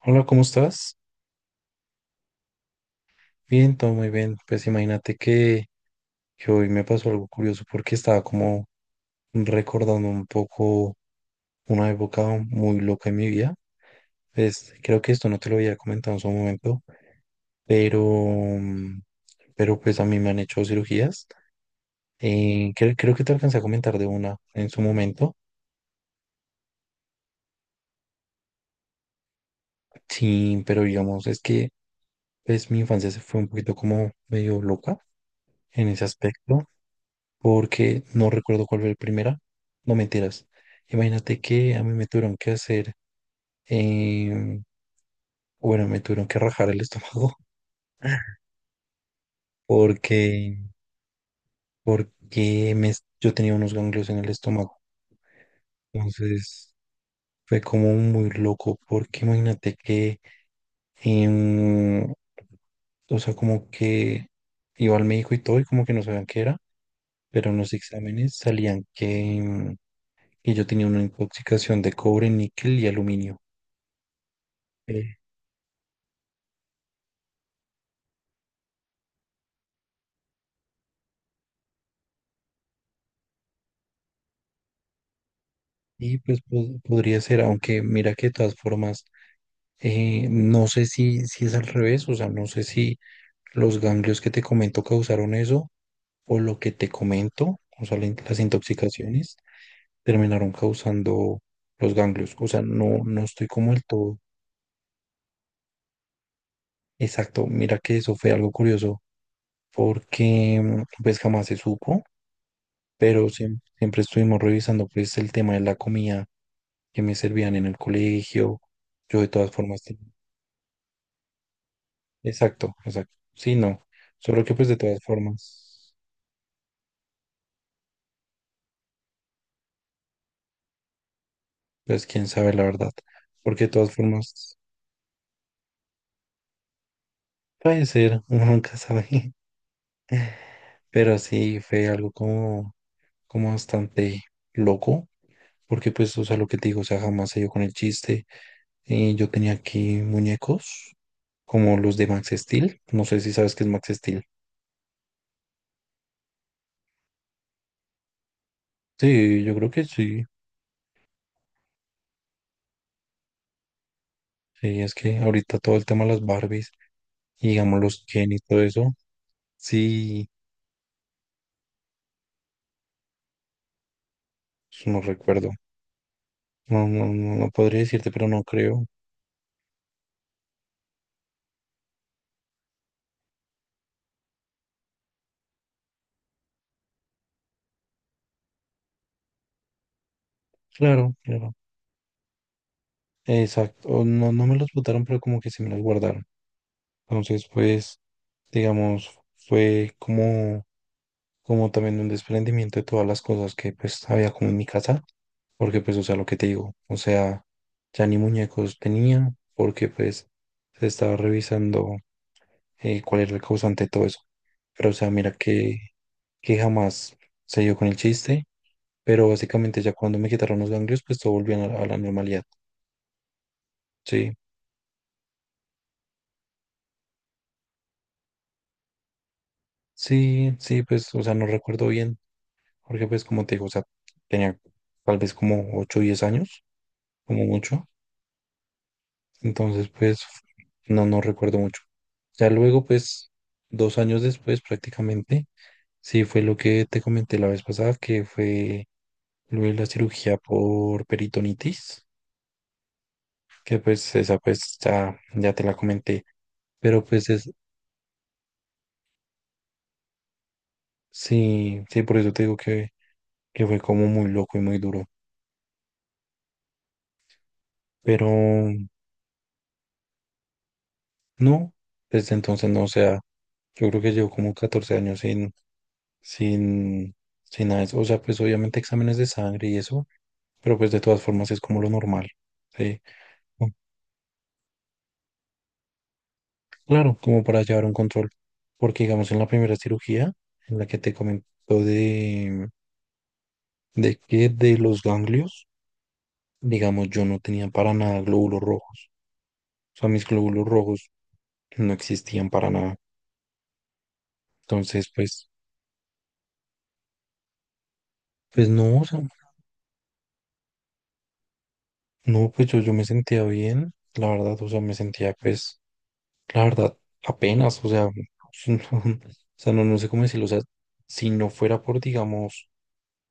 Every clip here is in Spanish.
Hola, ¿cómo estás? Bien, todo muy bien. Pues imagínate que hoy me pasó algo curioso porque estaba como recordando un poco una época muy loca en mi vida. Pues creo que esto no te lo había comentado en su momento, pero, mm, pero pues a mí me han hecho cirugías. Creo que te alcancé a comentar de una en su momento. Sí, pero digamos, es que pues mi infancia se fue un poquito como medio loca en ese aspecto. Porque no recuerdo cuál fue el primera. No, mentiras. Imagínate que a mí me tuvieron que hacer, em, bueno, me tuvieron que rajar el estómago. porque, porque yo tenía unos ganglios en el estómago. Entonces fue como muy loco porque imagínate que, em, o sea, como que iba al médico y todo y como que no sabían qué era, pero en los exámenes salían que, em, que yo tenía una intoxicación de cobre, níquel y aluminio. Eh, Y pues podría ser, aunque mira que de todas formas, no sé si es al revés, o sea, no sé si los ganglios que te comento causaron eso, o lo que te comento, o sea, las intoxicaciones terminaron causando los ganglios. O sea, no, no estoy como el todo exacto. Mira que eso fue algo curioso, porque pues jamás se supo, pero siempre estuvimos revisando pues el tema de la comida que me servían en el colegio. Yo de todas formas exacto, exacto. Sí, no. Solo que pues de todas formas, pues quién sabe la verdad. Porque de todas formas puede ser, uno nunca sabe. Pero sí fue algo como, como bastante loco. Porque pues, o sea, lo que te digo, o sea, jamás se dio con el chiste. Yo tenía aquí muñecos como los de Max Steel. No sé si sabes qué es Max Steel. Sí, yo creo que sí. Sí, es que ahorita todo el tema de las Barbies y digamos los Ken y todo eso, sí, no recuerdo. No, no, no, no podría decirte, pero no creo. Claro, claro. Exacto. O no, no me los botaron, pero como que se me los guardaron. Entonces, pues, digamos, fue como también un desprendimiento de todas las cosas que pues había como en mi casa. Porque pues, o sea, lo que te digo, o sea, ya ni muñecos tenía, porque pues se estaba revisando cuál era el causante de todo eso. Pero, o sea, mira que, jamás se dio con el chiste. Pero básicamente ya cuando me quitaron los ganglios, pues todo volvió a la normalidad. Sí, sí, sí, pues, o sea, no recuerdo bien, porque pues como te digo, o sea, tenía tal vez como 8 o 10 años, como mucho, entonces pues no, no recuerdo mucho. Ya luego, pues, 2 años después prácticamente, sí fue lo que te comenté la vez pasada, que fue lo de la cirugía por peritonitis, que pues esa pues ya, ya te la comenté, pero pues es, sí, sí, por eso te digo que fue como muy loco y muy duro. Pero no, desde entonces no, o sea, yo creo que llevo como 14 años sin, sin, sin nada de eso. O sea, pues obviamente exámenes de sangre y eso, pero pues de todas formas es como lo normal, ¿sí? Mm, Claro, como para llevar un control. Porque digamos en la primera cirugía, en la que te comentó de, de que de los ganglios, digamos, yo no tenía para nada glóbulos rojos. O sea, mis glóbulos rojos no existían para nada. Entonces, pues, pues no, o sea, no, pues yo, me sentía bien, la verdad, o sea, me sentía, pues, la verdad, apenas, o sea, no, o sea, no, no sé cómo decirlo, o sea, si no fuera por, digamos,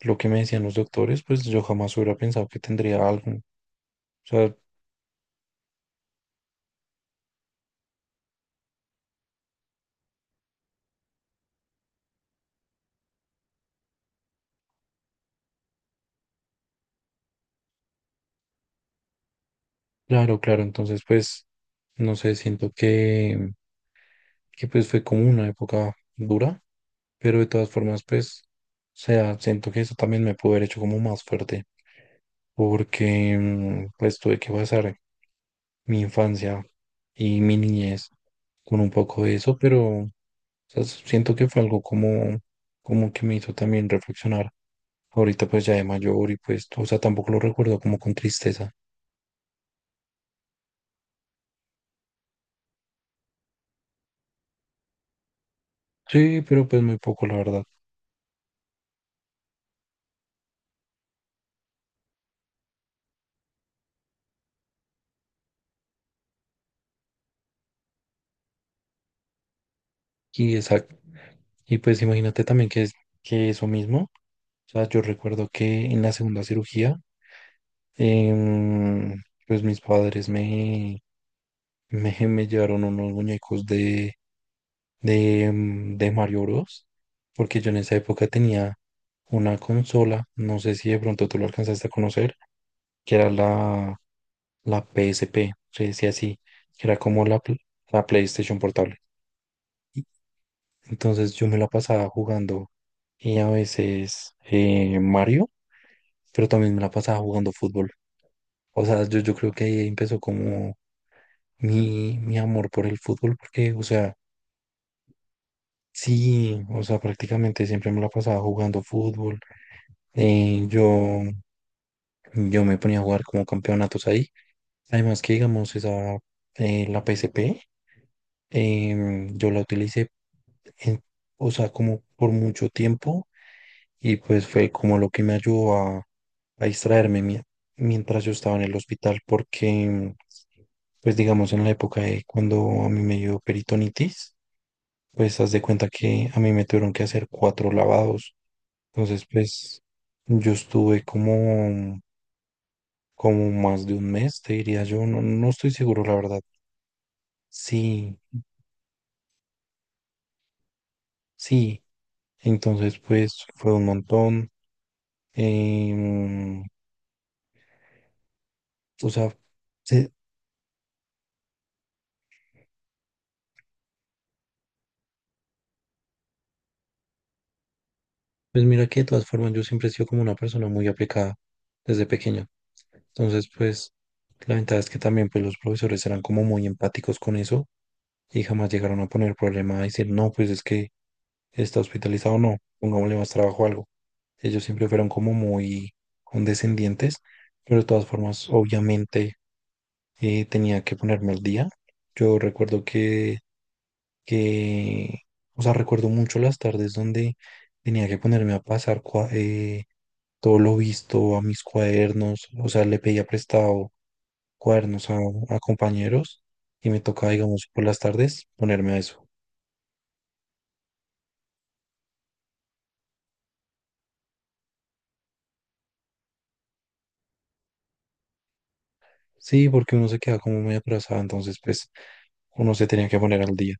lo que me decían los doctores, pues yo jamás hubiera pensado que tendría algo. O sea, claro, claro, entonces, pues, no sé, siento que, pues fue como una época dura, pero de todas formas, pues, o sea, siento que eso también me pudo haber hecho como más fuerte. Porque pues tuve que pasar mi infancia y mi niñez con un poco de eso, pero o sea, siento que fue algo como, como que me hizo también reflexionar. Ahorita pues ya de mayor y pues, o sea, tampoco lo recuerdo como con tristeza. Sí, pero pues muy poco, la verdad. Y exacto. Y pues imagínate también que es que eso mismo. O sea, yo recuerdo que en la segunda cirugía, em, pues mis padres me llevaron unos muñecos de, de Mario Bros. Porque yo en esa época tenía una consola, no sé si de pronto tú lo alcanzaste a conocer, que era la, la PSP, se decía así, que era como la, la PlayStation portable. Y Entonces yo me la pasaba jugando y a veces Mario, pero también me la pasaba jugando fútbol. O sea, yo, creo que ahí empezó como mi, amor por el fútbol, porque, o sea, sí, o sea, prácticamente siempre me la pasaba jugando fútbol. Eh, yo, yo me ponía a jugar como campeonatos ahí. Además que, digamos, la PSP, yo la utilicé, en- o sea, como por mucho tiempo y pues fue como lo que me ayudó a distraerme mientras yo estaba en el hospital porque, pues digamos, en la época de cuando a mí me dio peritonitis, pues haz de cuenta que a mí me tuvieron que hacer cuatro lavados. Entonces, pues yo estuve como... como más de un mes, te diría yo, no, no estoy seguro, la verdad. Sí, sí. Entonces, pues fue un montón. em, o sea, se- pues mira que de todas formas yo siempre he sido como una persona muy aplicada desde pequeño. Entonces, pues la ventaja es que también pues los profesores eran como muy empáticos con eso y jamás llegaron a poner problema a decir, no, pues es que está hospitalizado o no, pongámosle más trabajo o algo. Ellos siempre fueron como muy condescendientes, pero de todas formas, obviamente, tenía que ponerme al día. Yo recuerdo que, que, o sea, recuerdo mucho las tardes donde tenía que ponerme a pasar todo lo visto a mis cuadernos, o sea, le pedía prestado cuadernos a compañeros y me tocaba, digamos, por las tardes ponerme a eso. Sí, porque uno se queda como muy atrasado, entonces pues uno se tenía que poner al día.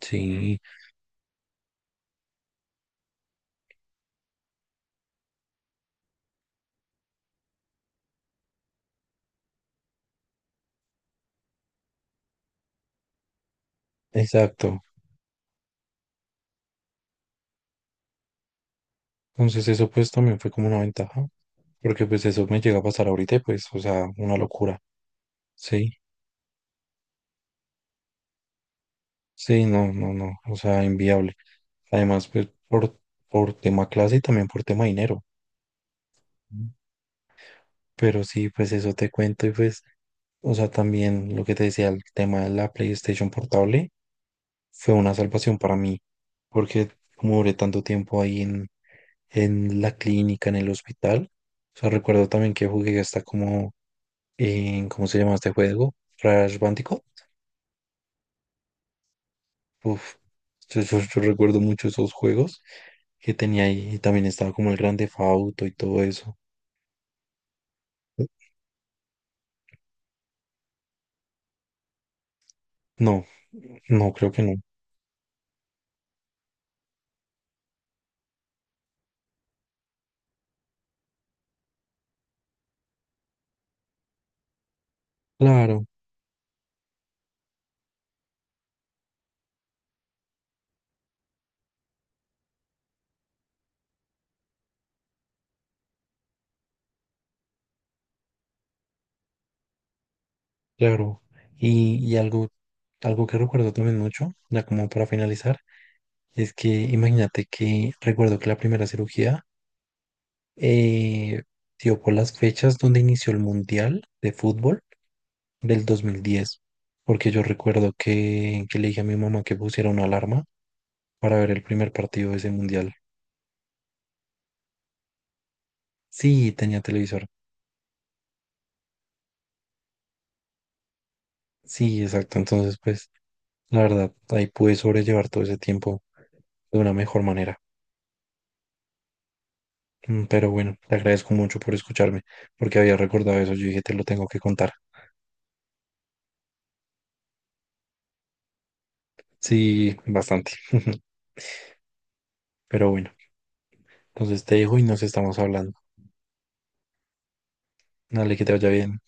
Sí, exacto. Entonces eso pues también fue como una ventaja, porque pues eso me llega a pasar ahorita y pues, o sea, una locura. Sí, sí, no, no, no, o sea, inviable. Además, pues por tema clase y también por tema dinero. Mm. Pero sí, pues eso te cuento y pues, o sea, también lo que te decía, el tema de la PlayStation portable. Fue una salvación para mí, porque como duré tanto tiempo ahí en la clínica, en el hospital, o sea, recuerdo también que jugué hasta como en, ¿cómo se llama este juego? Crash Bandicoot. Uf, yo, yo recuerdo mucho esos juegos que tenía ahí, y también estaba como el Grande Fauto y todo eso. No, no, creo que no. Claro, claro. Y, y algo, algo que recuerdo también mucho, ya como para finalizar, es que imagínate que recuerdo que la primera cirugía eh, dio por las fechas donde inició el Mundial de Fútbol del 2010, porque yo recuerdo que, le dije a mi mamá que pusiera una alarma para ver el primer partido de ese Mundial. Sí, tenía televisor. Sí, exacto. Entonces, pues, la verdad, ahí pude sobrellevar todo ese tiempo de una mejor manera. Pero bueno, te agradezco mucho por escucharme, porque había recordado eso. Yo dije, te lo tengo que contar. Sí, bastante. Pero bueno. Entonces te dejo y nos estamos hablando. Dale, que te vaya bien.